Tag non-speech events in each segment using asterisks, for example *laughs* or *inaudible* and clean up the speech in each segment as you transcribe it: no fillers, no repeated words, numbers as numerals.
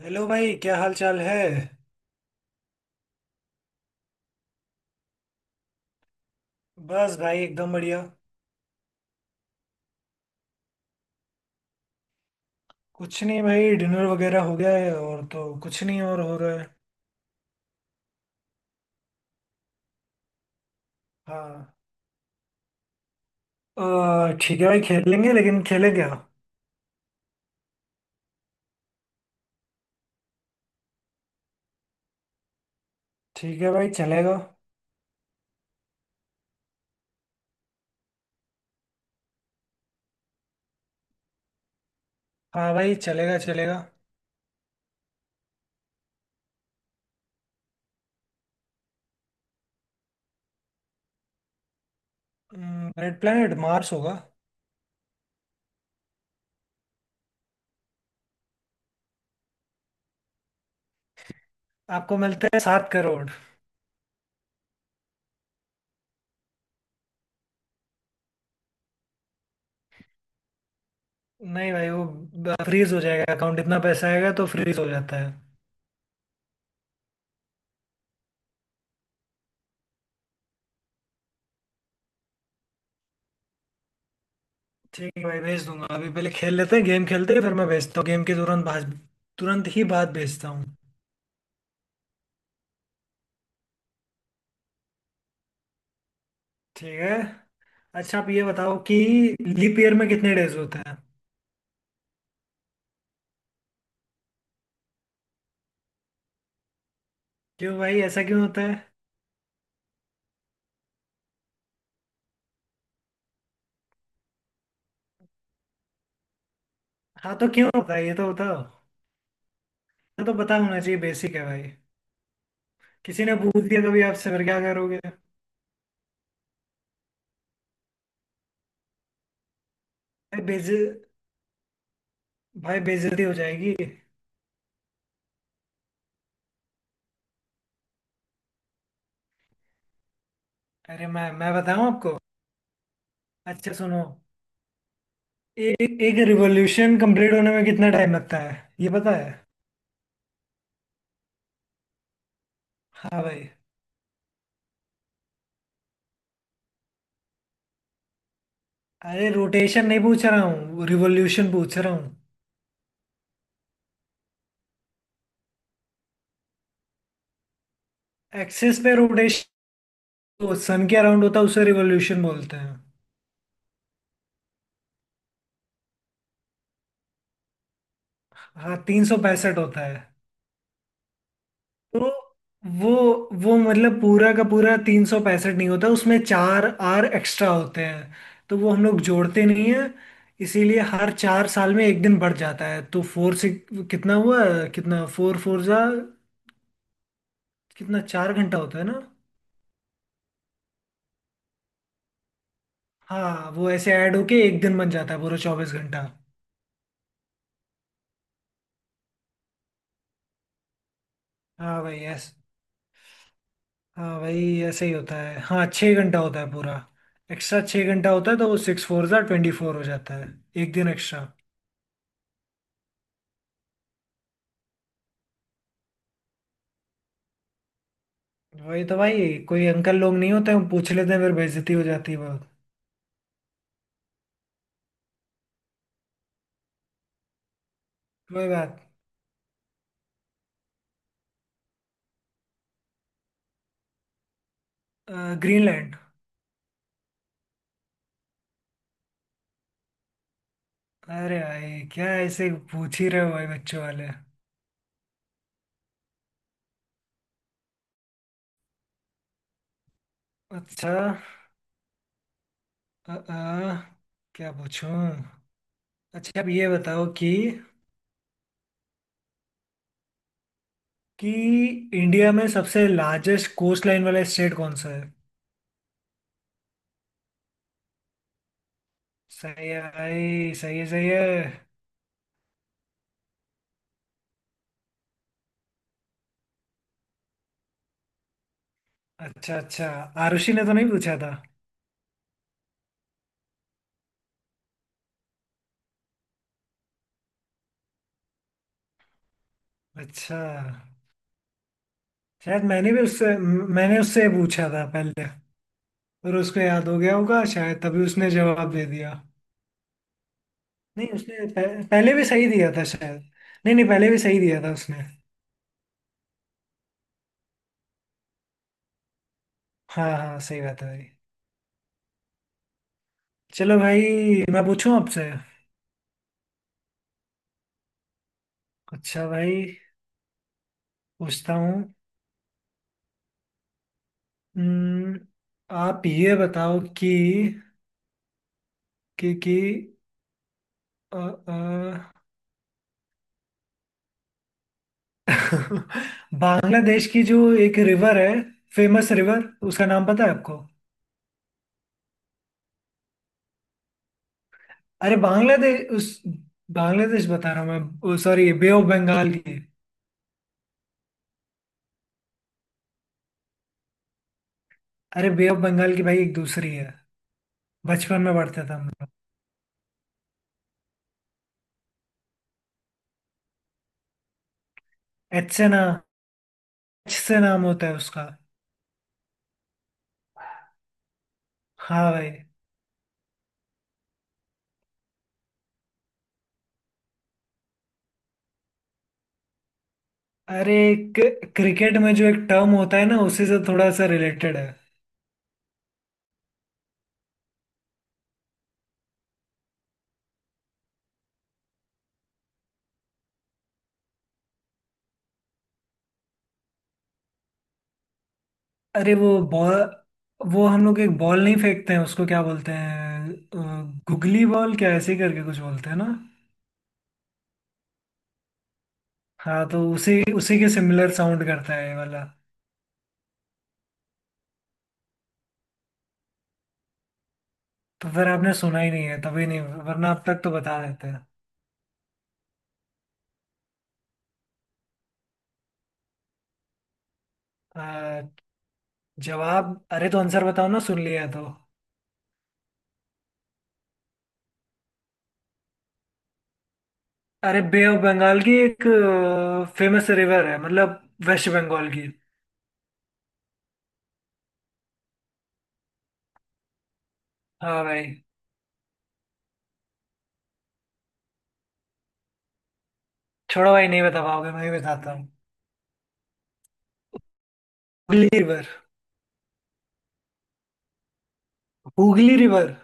Hello भाई, क्या हाल चाल है। बस भाई, एकदम बढ़िया। कुछ नहीं भाई, डिनर वगैरह हो गया है और तो कुछ नहीं और हो रहा है। हाँ। ठीक है भाई, खेलेंगे लेकिन खेले क्या। ठीक है भाई, चलेगा। हाँ भाई, चलेगा चलेगा। रेड प्लैनेट मार्स होगा। आपको मिलता है 7 करोड़। नहीं भाई, वो फ्रीज हो जाएगा अकाउंट। इतना पैसा आएगा तो फ्रीज हो जाता है। ठीक है भाई, भेज दूंगा। अभी पहले खेल लेते हैं, गेम खेलते हैं, फिर मैं भेजता हूँ गेम के तुरंत बाद। तुरंत ही बाद भेजता हूँ। ठीक है। अच्छा, आप ये बताओ कि लीप ईयर में कितने डेज होते हैं। क्यों भाई, ऐसा क्यों होता है? हाँ, तो क्यों होता है ये तो बताओ। ये तो पता होना चाहिए, बेसिक है भाई। किसी ने पूछ दिया कभी आपसे फिर क्या करोगे? भाई बेज भाई बेइज्जती हो जाएगी। अरे, मैं बताऊं आपको। अच्छा, सुनो। एक एक रिवोल्यूशन कंप्लीट होने में कितना टाइम लगता है, ये पता है? हाँ भाई। अरे, रोटेशन नहीं पूछ रहा हूँ, रिवोल्यूशन पूछ रहा हूँ। एक्सिस पे रोटेशन। सन के अराउंड होता है उसे रिवोल्यूशन बोलते हैं। हाँ, 365 होता है। तो वो वो मतलब पूरा का पूरा 365 नहीं होता, उसमें चार आर एक्स्ट्रा होते हैं। तो वो हम लोग जोड़ते नहीं है। इसीलिए हर 4 साल में एक दिन बढ़ जाता है, तो फोर से कितना हुआ, कितना फोर फोर जा कितना, चार घंटा होता है ना। हाँ, वो ऐसे ऐड होके एक दिन बन जाता है पूरा 24 घंटा। हाँ भाई ऐस हाँ भाई, ऐसे ही होता है। हाँ, 6 घंटा होता है पूरा। एक्स्ट्रा 6 घंटा होता है, तो वो सिक्स फोर जा 24 हो जाता है, एक दिन एक्स्ट्रा। वही तो भाई, कोई अंकल लोग नहीं होते, हम पूछ लेते हैं, फिर बेइज्जती हो जाती है बहुत। कोई बात। ग्रीनलैंड। अरे भाई, क्या ऐसे पूछ ही रहे हो भाई, बच्चों वाले? अच्छा। अ, अ, क्या पूछूं? अच्छा, अब ये बताओ कि कि इंडिया में सबसे लार्जेस्ट कोस्ट लाइन वाला स्टेट कौन सा है? सही है भाई, सही है, सही है। अच्छा अच्छा। आरुषि ने तो नहीं पूछा था? अच्छा। शायद मैंने भी उससे मैंने उससे पूछा था पहले। फिर उसको याद हो गया होगा शायद, तभी उसने जवाब दे दिया। नहीं, उसने पहले भी सही दिया था शायद। नहीं नहीं, पहले भी सही दिया था उसने। हाँ हाँ, सही बात है भाई। चलो भाई, मैं पूछूं आपसे। अच्छा भाई, पूछता हूँ। हम्म, आप ये बताओ कि अ, अ, *laughs* बांग्लादेश की जो एक रिवर है, फेमस रिवर, उसका नाम पता है आपको? अरे बांग्लादेश उस बांग्लादेश बता रहा हूँ। मैं सॉरी, बे ऑफ बंगाल की। अरे, बे ऑफ बंगाल की भाई, एक दूसरी है। बचपन में पढ़ते थे हम लोग। एच से ना एच से नाम होता है उसका। हाँ भाई। अरे, क्रिकेट में जो एक टर्म होता है ना, उसी से थोड़ा सा रिलेटेड है। अरे वो बॉल वो हम लोग एक बॉल नहीं फेंकते हैं, उसको क्या बोलते हैं, गुगली बॉल, क्या ऐसे ही करके कुछ बोलते हैं ना? हाँ, तो उसी उसी के सिमिलर साउंड करता है ये वाला। तो फिर आपने सुना ही नहीं है तभी, नहीं वरना अब तक तो बता देते हैं। अ, जवाब, अरे तो आंसर बताओ ना, सुन लिया तो। अरे, बे ऑफ बंगाल की एक फेमस रिवर है, मतलब वेस्ट बंगाल की। हाँ भाई। छोड़ो भाई, नहीं बता पाओगे, मैं ही बताता हूँ। Hooghly river. Hooghly river.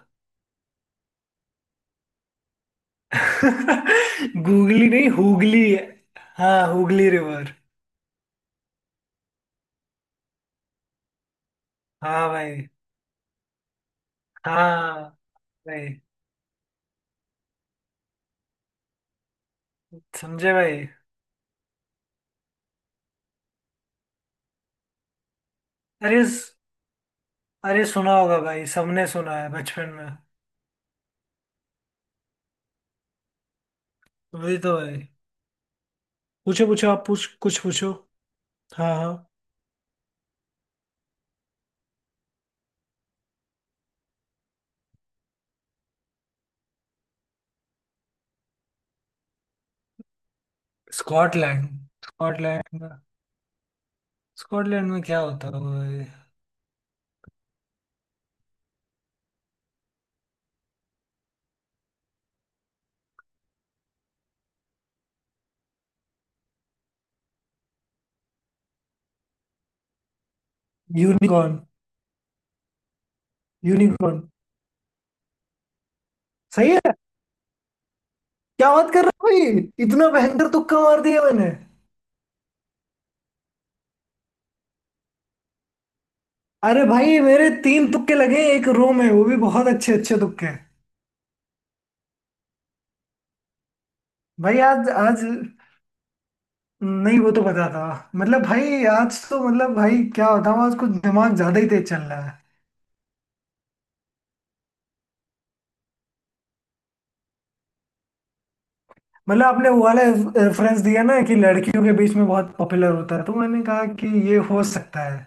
*laughs* Googly नहीं, हुगली है। हाँ, हुगली रिवर। हाँ भाई। हाँ भाई। समझे भाई? अरे स- अरे, सुना होगा भाई, सबने सुना है बचपन में। वही तो भाई। पूछो पूछो, आप पूछ कुछ पूछो। हाँ हाँ। Scotland, Scotland. स्कॉटलैंड में क्या होता होगा भाई? यूनिकॉर्न। यूनिकॉर्न। सही है। क्या बात कर रहा हूँ भाई, इतना भयंकर तुक्का मार दिया मैंने। अरे भाई, मेरे तीन तुक्के लगे एक रो में, वो भी बहुत अच्छे अच्छे तुक्के। भाई आज आज नहीं, वो तो पता था। मतलब भाई आज तो मतलब भाई क्या बताऊँ, आज कुछ दिमाग ज्यादा ही तेज चल रहा है। मतलब आपने वो वाला रेफरेंस दिया ना कि लड़कियों के बीच में बहुत पॉपुलर होता है, तो मैंने कहा कि ये हो सकता है।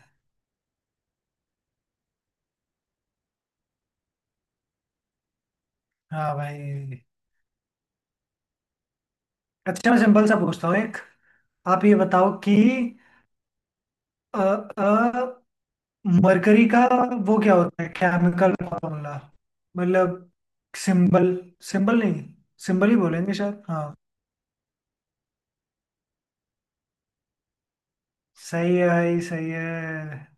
हाँ भाई। अच्छा, मैं सिंपल सा पूछता हूँ एक। आप ये बताओ कि मरकरी का वो क्या होता है केमिकल फॉर्मूला, मतलब सिंबल। सिंबल नहीं, सिंबल ही बोलेंगे शायद, हाँ। सही है भाई, सही है।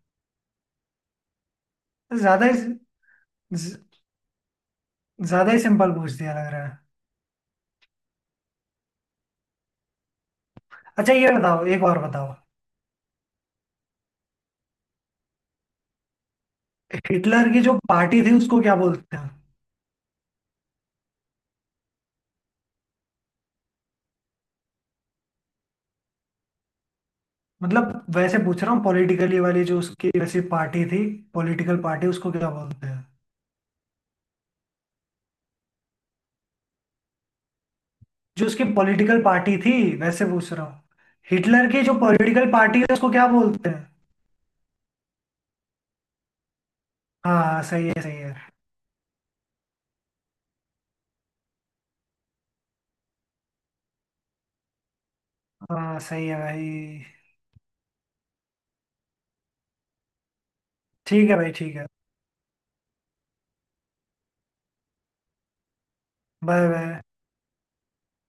ज्यादा ही ज- ज्यादा ही सिंपल पूछ दिया लग रहा है। अच्छा, ये बताओ, एक और बताओ। हिटलर की जो पार्टी थी उसको क्या बोलते हैं, मतलब वैसे पूछ रहा हूँ पॉलिटिकली वाली जो उसकी वैसी पार्टी थी। पॉलिटिकल पार्टी उसको क्या बोलते हैं? जो उसकी पॉलिटिकल पार्टी थी, वैसे पूछ रहा हूँ, हिटलर की जो पॉलिटिकल पार्टी है उसको क्या बोलते हैं? हाँ हाँ, सही है, सही है। हाँ, सही है भाई। ठीक है भाई, ठीक है। Bye bye.